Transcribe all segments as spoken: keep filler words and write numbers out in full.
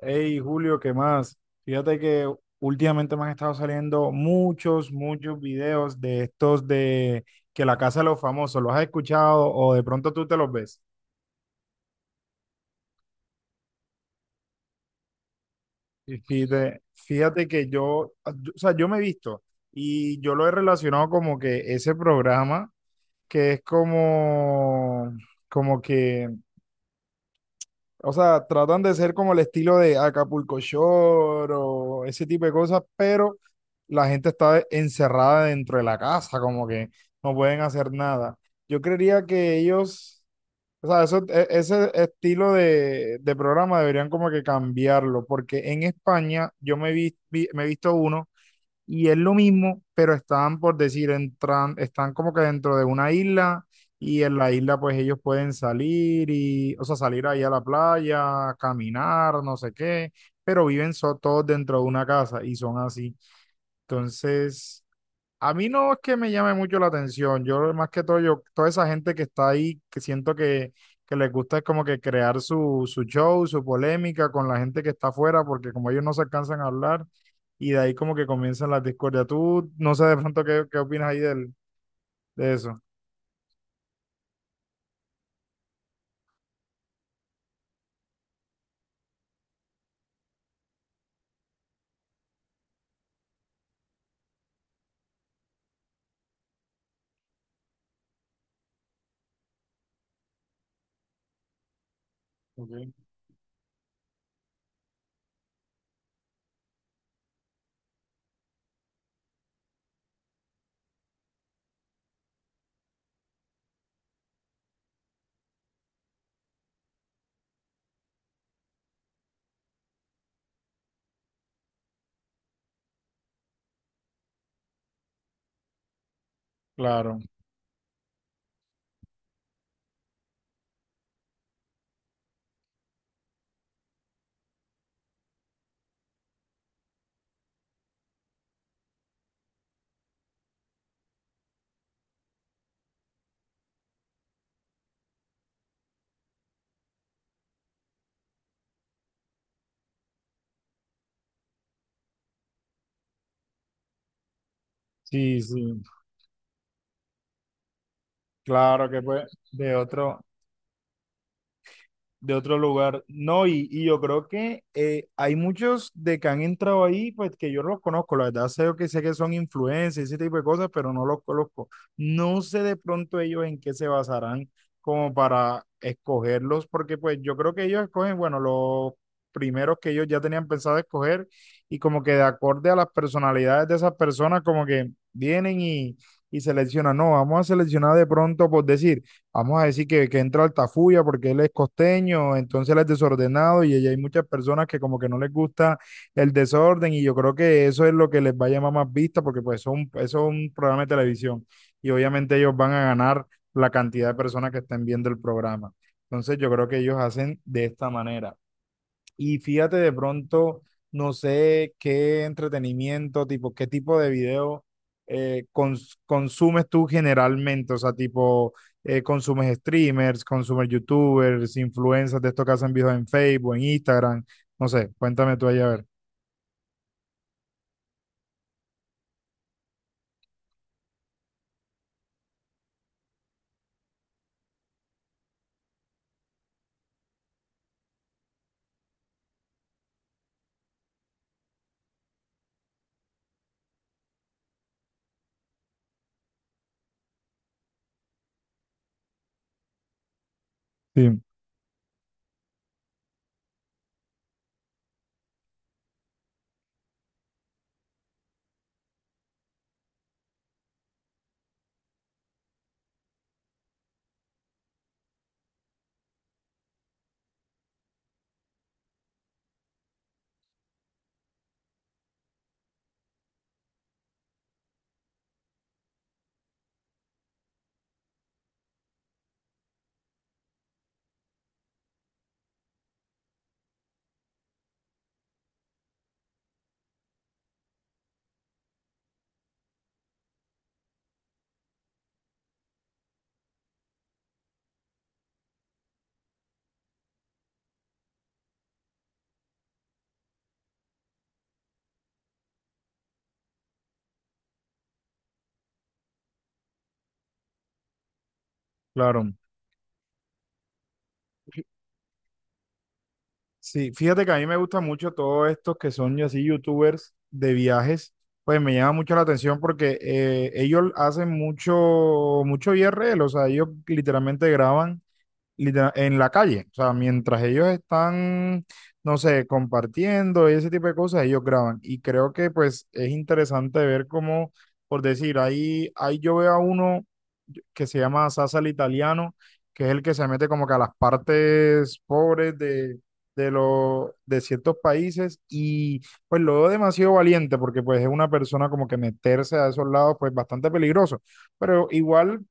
Hey, Julio, ¿qué más? Fíjate que últimamente me han estado saliendo muchos, muchos videos de estos de que la casa de los famosos, ¿los has escuchado o de pronto tú te los ves? Y Fíjate, fíjate que yo, ah, yo- o sea, yo me he visto y yo lo he relacionado como que ese programa que es como, como que. O sea, tratan de ser como el estilo de Acapulco Shore o ese tipo de cosas, pero la gente está encerrada dentro de la casa, como que no pueden hacer nada. Yo creería que ellos, o sea, eso- e- ese estilo de, de programa deberían como que cambiarlo, porque en España yo me vi, vi- me he visto uno y es lo mismo, pero están, por decir, entran, están como que dentro de una isla y en la isla pues ellos pueden salir y, o sea, salir ahí a la playa, caminar, no sé qué, pero viven so- todos dentro de una casa y son así. Entonces, a mí no es que me llame mucho la atención. Yo, más que todo, yo, toda esa gente que está ahí, que siento que, que les gusta es como que crear su, su show, su polémica con la gente que está afuera, porque como ellos no se alcanzan a hablar, y de ahí como que comienzan las discordias. Tú, no sé de pronto qué, qué opinas ahí del, de eso. Ok. Claro, sí, sí. Claro que pues de otro. De otro lugar. No, y, y yo creo que eh, hay muchos de que han entrado ahí, pues que yo no los conozco, la verdad sé que sé que son influencers, ese tipo de cosas, pero no los conozco. No sé de pronto ellos en qué se basarán como para escogerlos, porque pues yo creo que ellos escogen, bueno, los primeros que ellos ya tenían pensado escoger y como que de acorde a las personalidades de esas personas, como que vienen y, y seleccionan, no, vamos a seleccionar de pronto, por decir, vamos a decir que, que entra Altafulla porque él es costeño, entonces él es desordenado y ahí hay muchas personas que como que no les gusta el desorden y yo creo que eso es lo que les va a llamar más vista porque pues son, eso es un programa de televisión y obviamente ellos van a ganar la cantidad de personas que estén viendo el programa. Entonces yo creo que ellos hacen de esta manera. Y fíjate de pronto, no sé qué entretenimiento, tipo, qué tipo de video eh, cons- consumes tú generalmente, o sea, tipo, eh, consumes streamers, consumes youtubers, influencers de estos que hacen videos en Facebook, en Instagram, no sé, cuéntame tú ahí a ver. Sí, claro. Sí, fíjate que a mí me gusta mucho todos estos que son así youtubers de viajes, pues me llama mucho la atención porque eh, ellos hacen mucho, mucho I R L, o sea, ellos literalmente graban literal- en la calle. O sea, mientras ellos están, no sé, compartiendo y ese tipo de cosas, ellos graban. Y creo que pues es interesante ver cómo, por decir, ahí, ahí yo veo a uno que se llama Sasa el Italiano, que es el que se mete como que a las partes pobres de, de, lo- de ciertos países y pues lo veo demasiado valiente porque pues es una persona como que meterse a esos lados pues bastante peligroso, pero igual...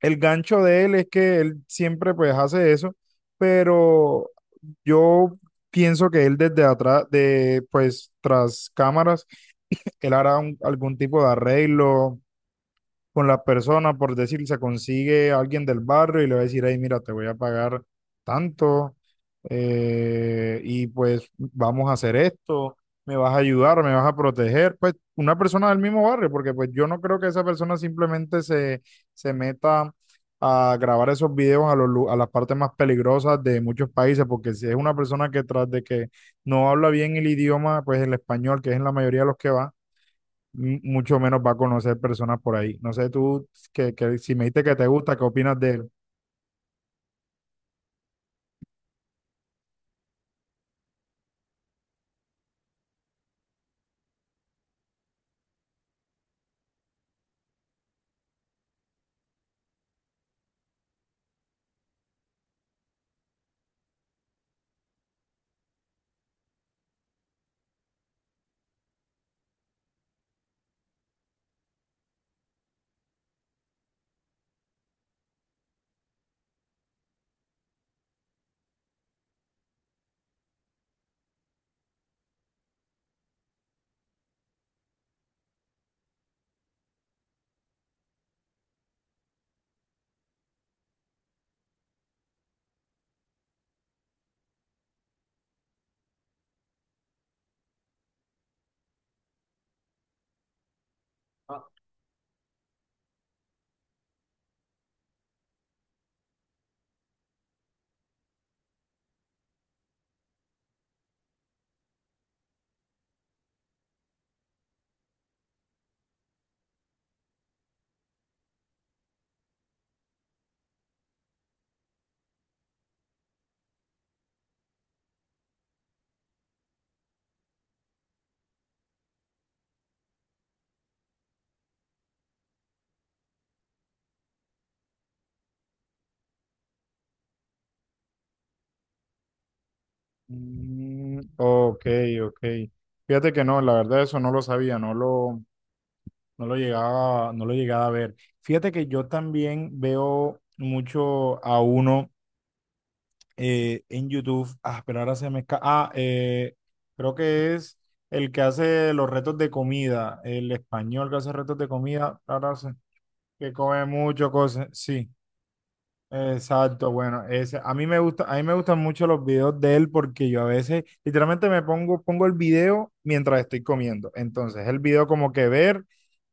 El gancho de él es que él siempre pues hace eso, pero yo pienso que él desde atrás, de pues tras cámaras, él hará un- algún tipo de arreglo, con la persona, por decir, se consigue a alguien del barrio y le va a decir, hey, mira, te voy a pagar tanto eh, y pues vamos a hacer esto, me vas a ayudar, me vas a proteger, pues una persona del mismo barrio, porque pues yo no creo que esa persona simplemente se, se meta a grabar esos videos a, los, lu- a las partes más peligrosas de muchos países, porque si es una persona que tras de que no habla bien el idioma, pues el español, que es en la mayoría de los que va, m- mucho menos va a conocer personas por ahí. No sé tú, que, que si me dijiste que te gusta, ¿qué opinas de él? Mm, ok, ok. Fíjate que no, la verdad eso no lo sabía, no lo, no lo llegaba, no lo llegaba a ver. Fíjate que yo también veo mucho a uno eh, en YouTube, ah, pero ahora se me escapa, ah, eh, creo que es el que hace los retos de comida, el español que hace retos de comida, ahora se, que come mucho cosas, sí. Exacto, bueno, ese, a mí me gusta, a mí me gustan mucho los videos de él porque yo a veces literalmente me pongo, pongo el video mientras estoy comiendo. Entonces, el video como que ver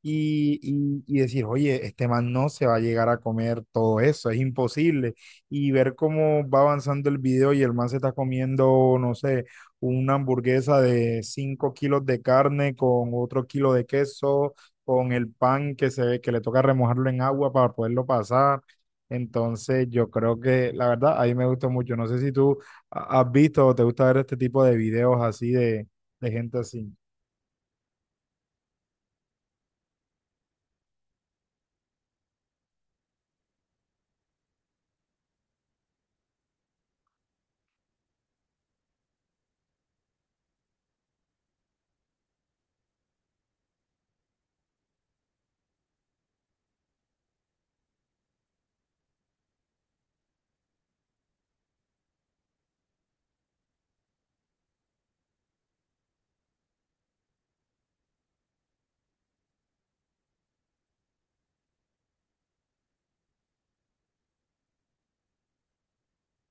y, y, y decir, oye, este man no se va a llegar a comer todo eso, es imposible. Y ver cómo va avanzando el video y el man se está comiendo, no sé, una hamburguesa de cinco kilos de carne con otro kilo de queso, con el pan que se ve que le toca remojarlo en agua para poderlo pasar. Entonces, yo creo que la verdad, a mí me gustó mucho. No sé si tú ha- has visto o te gusta ver este tipo de videos así de, de gente así.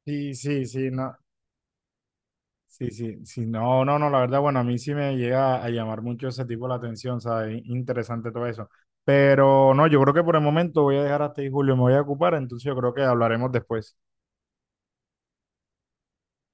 Sí, sí, sí, no. Sí, sí, sí, no, no, no, la verdad, bueno, a mí sí me llega a llamar mucho ese tipo la atención, ¿sabes? Interesante todo eso. Pero no, yo creo que por el momento voy a dejar hasta ahí, Julio, me voy a ocupar, entonces yo creo que hablaremos después.